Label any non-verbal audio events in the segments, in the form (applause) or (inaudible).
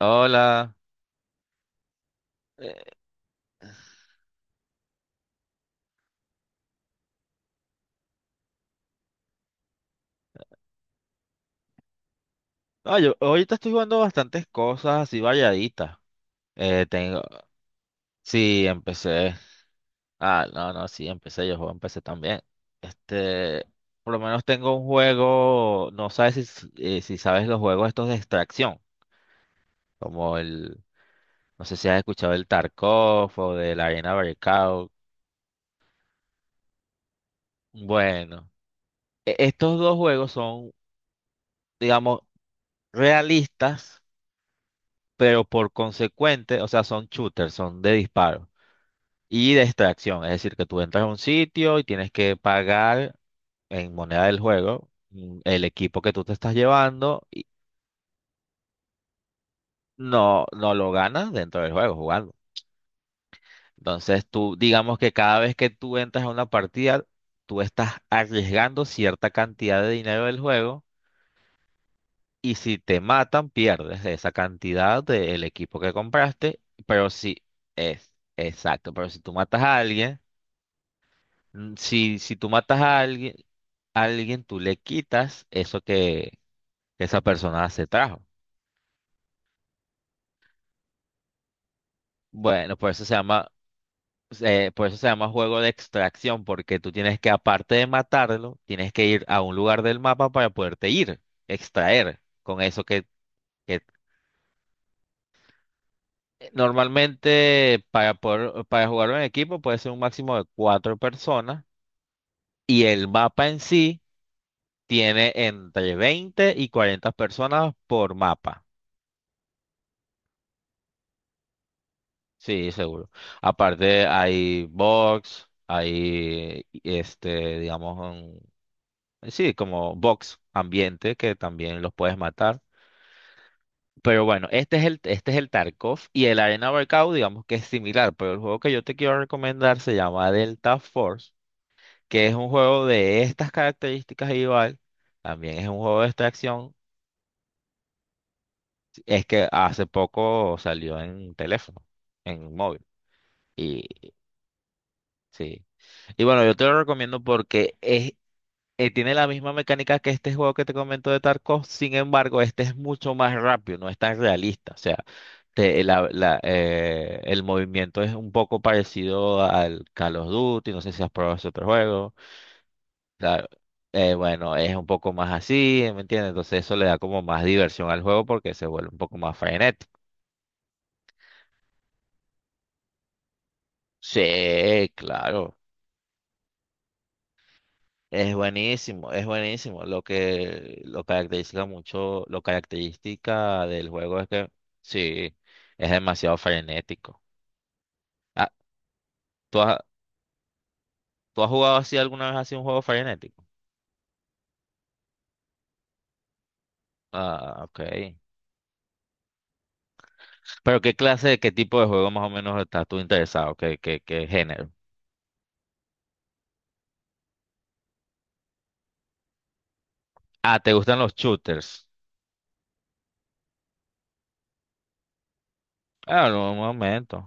Hola. Eh, no, yo ahorita estoy jugando bastantes cosas así variaditas. Eh, tengo, sí, empecé. Ah, no, no, Sí, empecé, yo juego, empecé también. Este, por lo menos tengo un juego, si sabes los juegos estos de extracción, como el, no sé si has escuchado el Tarkov o de la Arena Breakout. Bueno, estos dos juegos son, digamos, realistas, pero por consecuente, o sea, son shooters, son de disparo. Y de extracción, es decir, que tú entras a un sitio y tienes que pagar en moneda del juego el equipo que tú te estás llevando y no, no lo ganas dentro del juego jugando. Entonces tú, digamos que cada vez que tú entras a una partida, tú estás arriesgando cierta cantidad de dinero del juego y si te matan, pierdes esa cantidad del equipo que compraste, pero si es exacto, pero si tú matas a alguien, si tú matas a alguien, alguien, tú le quitas eso que esa persona se trajo. Bueno, por eso se llama juego de extracción, porque tú tienes que, aparte de matarlo, tienes que ir a un lugar del mapa para poderte ir, extraer con eso que normalmente para poder, para jugarlo en equipo puede ser un máximo de cuatro personas y el mapa en sí tiene entre 20 y 40 personas por mapa. Sí, seguro. Aparte hay box, digamos, sí, como box ambiente que también los puedes matar. Pero bueno, este es el Tarkov y el Arena Breakout, digamos que es similar, pero el juego que yo te quiero recomendar se llama Delta Force, que es un juego de estas características igual, también es un juego de extracción, es que hace poco salió en teléfono, en móvil. Sí. Y bueno, yo te lo recomiendo porque tiene la misma mecánica que este juego que te comento de Tarkov. Sin embargo, este es mucho más rápido, no es tan realista. O sea, el movimiento es un poco parecido al Call of Duty, no sé si has probado ese otro juego. Claro. Bueno, es un poco más así, ¿me entiendes? Entonces eso le da como más diversión al juego porque se vuelve un poco más frenético. Sí, claro. Es buenísimo, es buenísimo. Lo que lo caracteriza mucho, lo característica del juego es que sí, es demasiado frenético. Ah, ¿tú has, ¿tú has jugado así alguna vez así un juego frenético? Ah, ok. Pero ¿qué clase, qué tipo de juego más o menos estás tú interesado? ¿Qué género? Ah, ¿te gustan los shooters? Ah, en un momento.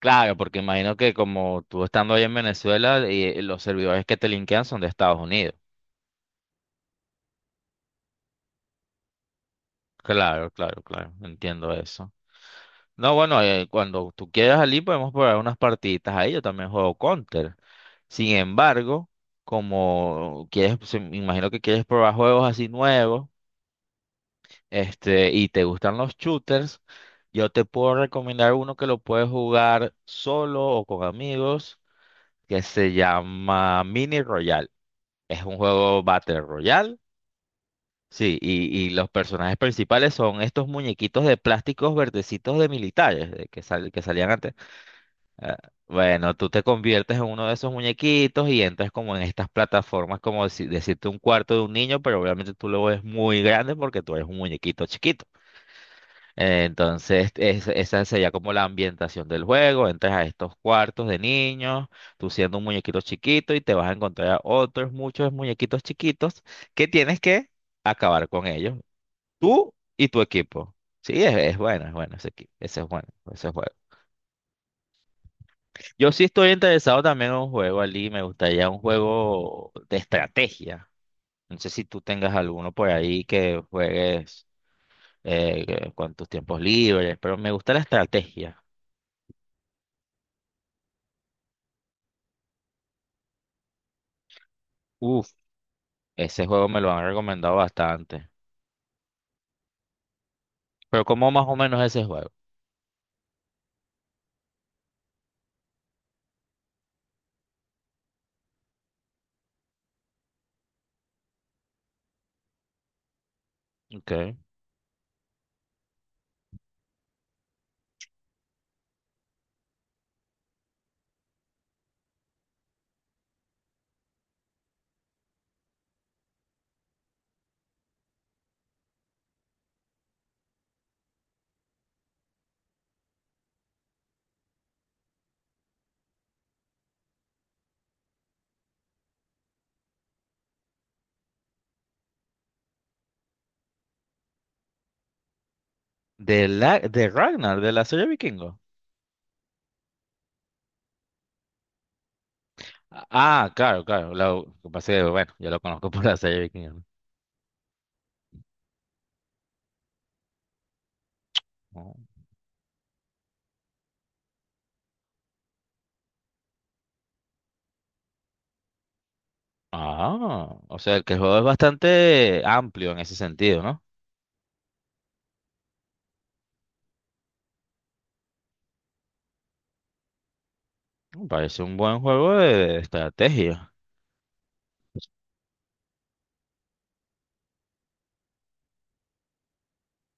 Claro, porque imagino que como tú estando ahí en Venezuela, y los servidores que te linkean son de Estados Unidos. Claro, claro, claro. Entiendo eso. No, bueno, cuando tú quieras allí podemos probar unas partiditas ahí. Yo también juego Counter. Sin embargo, me imagino que quieres probar juegos así nuevos, y te gustan los shooters, yo te puedo recomendar uno que lo puedes jugar solo o con amigos, que se llama Mini Royale. Es un juego Battle Royale. Sí, y los personajes principales son estos muñequitos de plásticos verdecitos de militares, que salían antes. Ah, bueno, tú te conviertes en uno de esos muñequitos y entras como en estas plataformas, como si- decirte un cuarto de un niño, pero obviamente tú lo ves muy grande porque tú eres un muñequito chiquito. Entonces, esa sería como la ambientación del juego. Entras a estos cuartos de niños, tú siendo un muñequito chiquito y te vas a encontrar a otros muchos muñequitos chiquitos que tienes que acabar con ellos, tú y tu equipo. Sí, es bueno ese equipo, ese es bueno, ese es bueno. Yo sí estoy interesado también en un juego, Ali. Me gustaría un juego de estrategia. No sé si tú tengas alguno por ahí que juegues con tus tiempos libres, pero me gusta la estrategia. Uf, ese juego me lo han recomendado bastante. Pero ¿cómo más o menos ese juego? Okay. De, la, de Ragnar, de la serie Vikingo. Ah, claro, claro. Lo que pasa es que, bueno, yo lo conozco (laughs) por la serie Vikingo. ¿No? Ah, o sea, que el juego es bastante amplio en ese sentido, ¿no? Parece un buen juego de estrategia.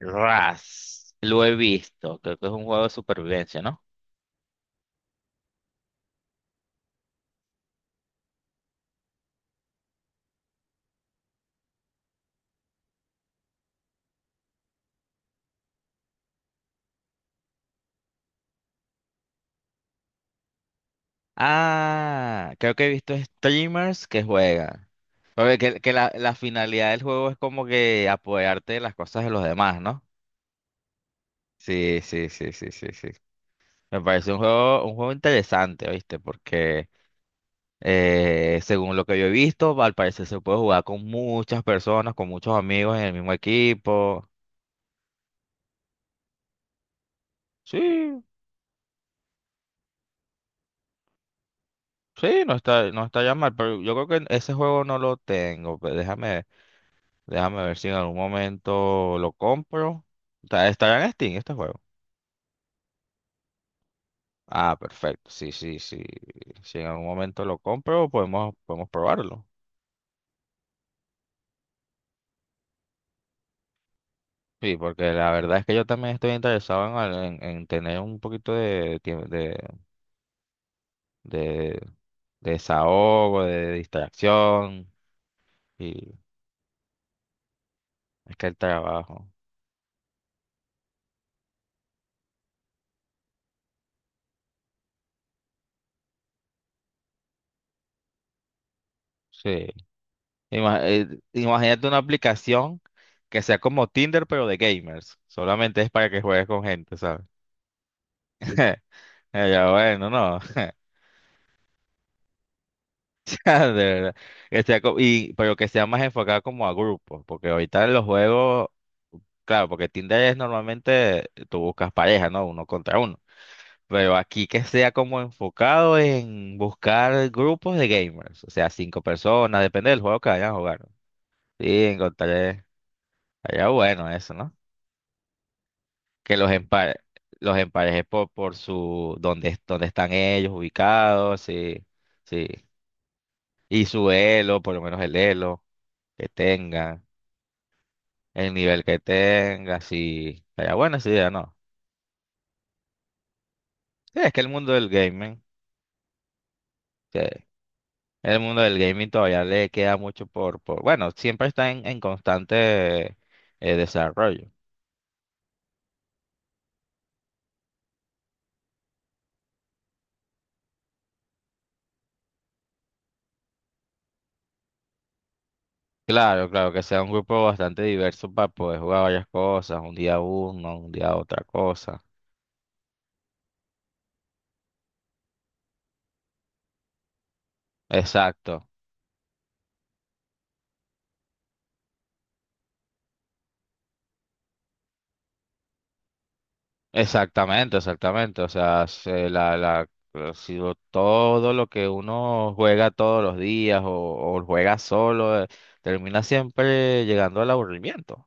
Ras. Lo he visto. Creo que es un juego de supervivencia, ¿no? Ah, creo que he visto streamers que juegan. Que la finalidad del juego es como que apoderarte de las cosas de los demás, ¿no? Sí, sí, sí, sí, sí, sí. Me parece un juego interesante, ¿viste? Porque según lo que yo he visto, al parecer se puede jugar con muchas personas, con muchos amigos en el mismo equipo. Sí. Sí, no está, no está ya mal, pero yo creo que ese juego no lo tengo. Pero déjame, déjame ver si en algún momento lo compro. Está, estará en Steam este juego. Ah, perfecto. Sí, sí, sí. Si en algún momento lo compro, podemos, podemos probarlo. Sí, porque la verdad es que yo también estoy interesado en tener un poquito de, de desahogo, de distracción. Y es que el trabajo. Sí. Ima- eh, imagínate una aplicación que sea como Tinder, pero de gamers. Solamente es para que juegues con gente, ¿sabes? (laughs) Ya, bueno, no. (laughs) (laughs) De verdad. Que sea co- y, pero que sea más enfocada como a grupos, porque ahorita en los juegos, claro, porque Tinder es normalmente tú buscas pareja, ¿no? Uno contra uno. Pero aquí que sea como enfocado en buscar grupos de gamers, o sea, cinco personas, depende del juego que vayan a jugar, ¿no? Sí, encontraré. Allá bueno eso, ¿no? que los empa- los emparejes por, donde están ellos ubicados, sí, sí. Y su elo, por lo menos el elo que tengan, el nivel que tenga, sí. Estaría buena esa idea, ¿no? Sí, es que el mundo del gaming, sí, el mundo del gaming todavía le queda mucho por, bueno, siempre está en constante desarrollo. Claro, claro, que sea un grupo bastante diverso para poder jugar varias cosas, un día uno, un día otra cosa. Exacto. Exactamente, exactamente. O sea, ha sido todo lo que uno juega todos los días o juega solo, termina siempre llegando al aburrimiento.